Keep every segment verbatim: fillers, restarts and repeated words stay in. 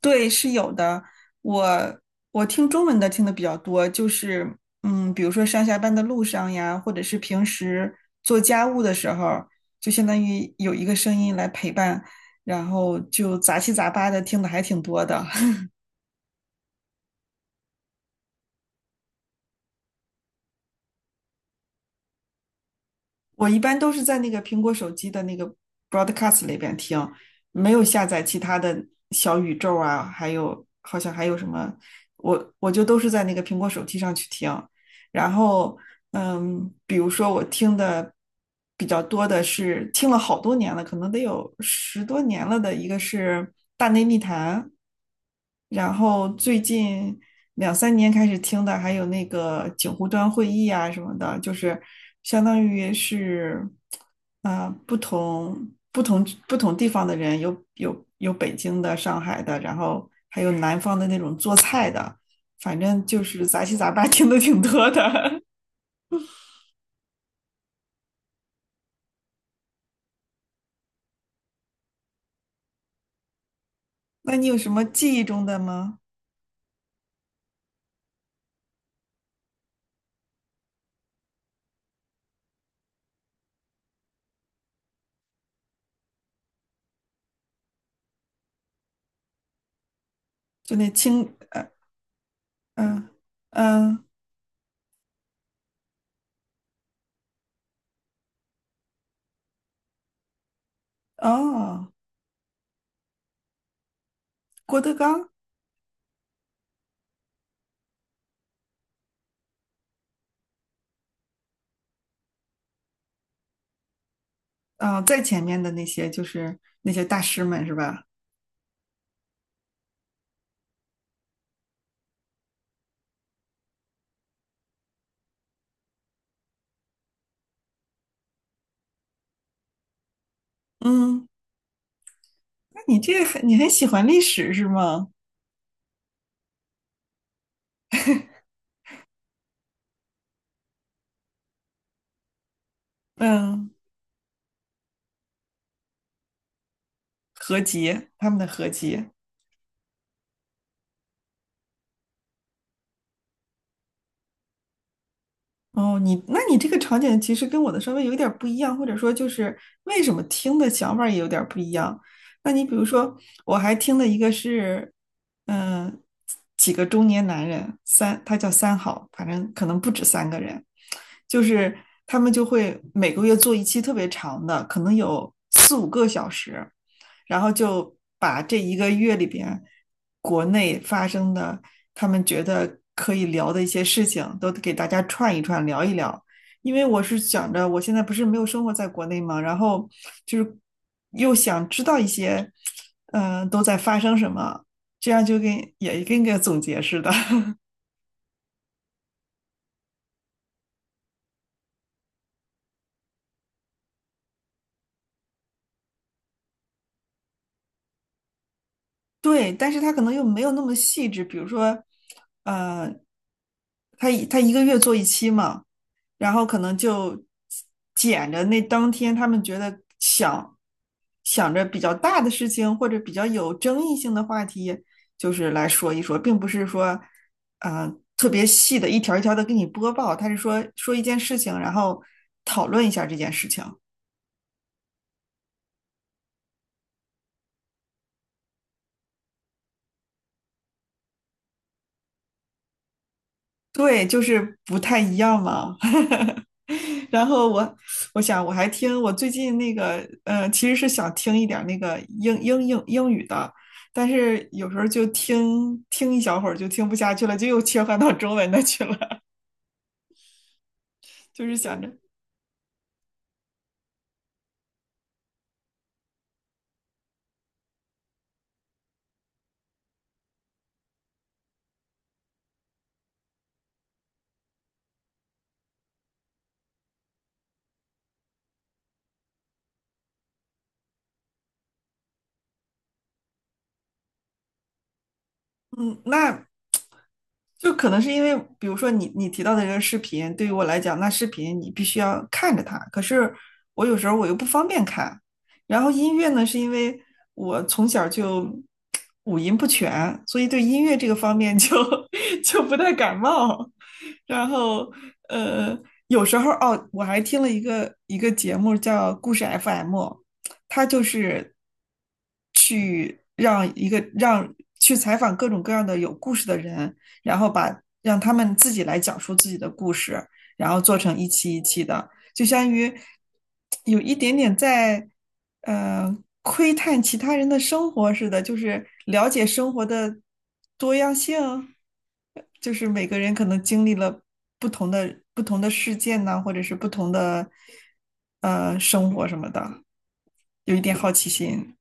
对，是有的。我我听中文的听的比较多，就是嗯，比如说上下班的路上呀，或者是平时做家务的时候，就相当于有一个声音来陪伴，然后就杂七杂八的听的还挺多的。我一般都是在那个苹果手机的那个 Broadcast 里边听，没有下载其他的小宇宙啊，还有好像还有什么，我我就都是在那个苹果手机上去听。然后，嗯，比如说我听的比较多的是听了好多年了，可能得有十多年了的一个是《大内密谈》，然后最近两三年开始听的还有那个警湖端会议啊什么的，就是相当于是，啊、不同不同不同地方的人，有有有北京的、上海的，然后还有南方的那种做菜的。反正就是杂七杂八 听的挺多的。那你有什么记忆中的吗？就那清，呃，嗯嗯，哦，郭德纲，啊，呃在前面的那些就是那些大师们是吧？嗯，那你这很，你很喜欢历史是吗？嗯，合集，他们的合集。哦，你那你这个场景其实跟我的稍微有点儿不一样，或者说就是为什么听的想法儿也有点儿不一样。那你比如说，我还听了一个是，嗯、几个中年男人，三，他叫三好，反正可能不止三个人，就是他们就会每个月做一期特别长的，可能有四五个小时。然后就把这一个月里边国内发生的，他们觉得可以聊的一些事情，都给大家串一串，聊一聊。因为我是想着，我现在不是没有生活在国内嘛，然后就是又想知道一些，嗯、呃都在发生什么，这样就跟也跟个总结似的。对，但是他可能又没有那么细致，比如说，呃，他他一个月做一期嘛，然后可能就捡着那当天他们觉得想想着比较大的事情或者比较有争议性的话题，就是来说一说，并不是说，呃，特别细的一条一条的给你播报，他是说说一件事情，然后讨论一下这件事情。对，就是不太一样嘛。然后我我想我还听我最近那个呃，其实是想听一点儿那个英英英英语的，但是有时候就听听一小会儿就听不下去了，就又切换到中文的去了，就是想着嗯，那就可能是因为，比如说你你提到的这个视频，对于我来讲，那视频你必须要看着它，可是我有时候我又不方便看。然后音乐呢，是因为我从小就五音不全，所以对音乐这个方面就 就不太感冒。然后呃，有时候哦，我还听了一个一个节目叫故事 F M。他就是去让一个让去采访各种各样的有故事的人，然后把让他们自己来讲述自己的故事，然后做成一期一期的，就相当于有一点点在呃窥探其他人的生活似的，就是了解生活的多样性，就是每个人可能经历了不同的不同的事件呢，或者是不同的呃生活什么的。有一点好奇心。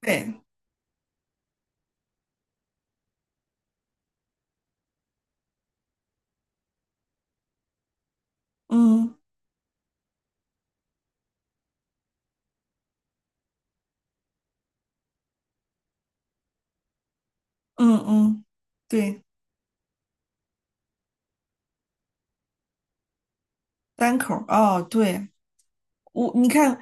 对，嗯嗯嗯，对，单口儿哦，对，我你看，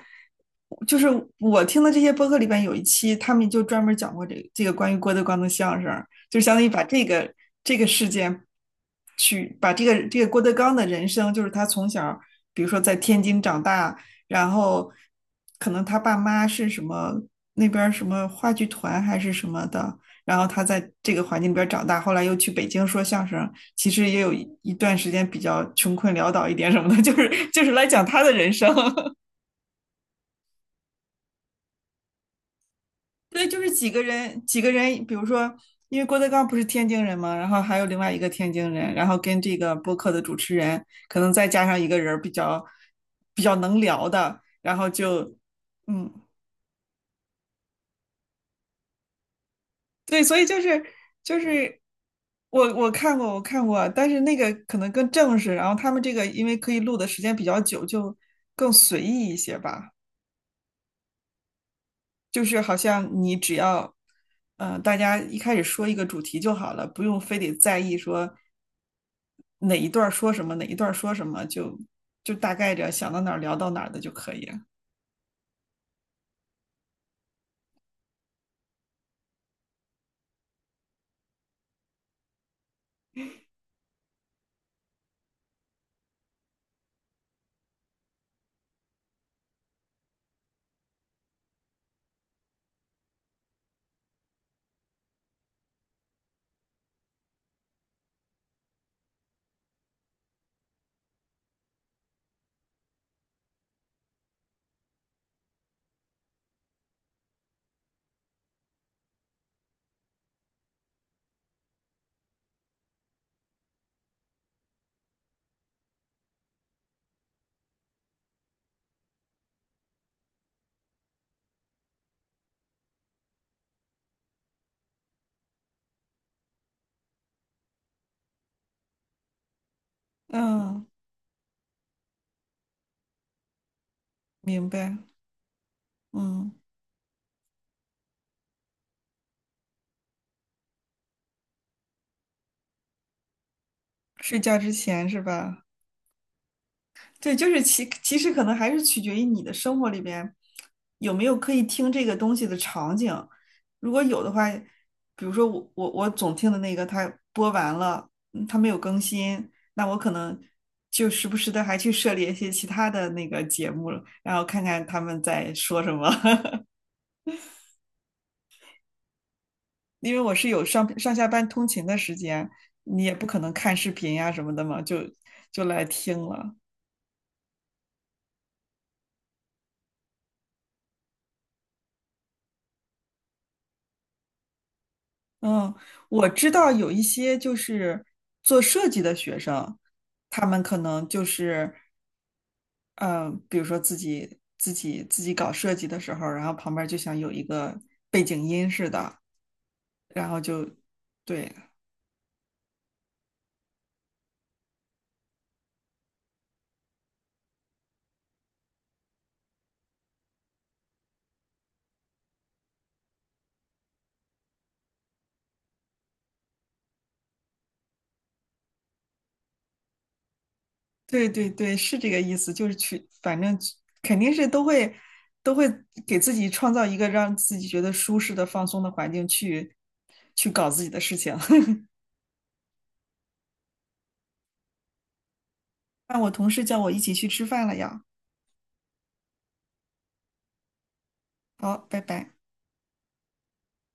就是我听的这些播客里边有一期，他们就专门讲过这个这个关于郭德纲的相声，就相当于把这个这个事件去把这个这个郭德纲的人生，就是他从小，比如说在天津长大，然后可能他爸妈是什么那边什么话剧团还是什么的，然后他在这个环境里边长大，后来又去北京说相声，其实也有一段时间比较穷困潦倒一点什么的，就是就是来讲他的人生。对，就是几个人，几个人，比如说，因为郭德纲不是天津人嘛，然后还有另外一个天津人，然后跟这个播客的主持人，可能再加上一个人儿比较比较能聊的，然后就，嗯，对，所以就是就是我我看过我看过，但是那个可能更正式，然后他们这个因为可以录的时间比较久，就更随意一些吧。就是好像你只要，嗯，大家一开始说一个主题就好了，不用非得在意说哪一段儿说什么，哪一段儿说什么，就就大概着想到哪儿聊到哪儿的就可以。了。嗯，明白。嗯，睡觉之前是吧？对，就是其其实可能还是取决于你的生活里边有没有可以听这个东西的场景。如果有的话，比如说我我我总听的那个，它播完了，嗯它没有更新，那我可能就时不时的还去涉猎一些其他的那个节目了然后看看他们在说什么。因为我是有上上下班通勤的时间，你也不可能看视频呀、什么的嘛，就就来听了。嗯，我知道有一些就是做设计的学生，他们可能就是，嗯，比如说自己自己自己搞设计的时候，然后旁边就想有一个背景音似的，然后就，对对对对，是这个意思，就是去，反正肯定是都会都会给自己创造一个让自己觉得舒适的、放松的环境去去搞自己的事情。那我同事叫我一起去吃饭了呀，好，拜拜。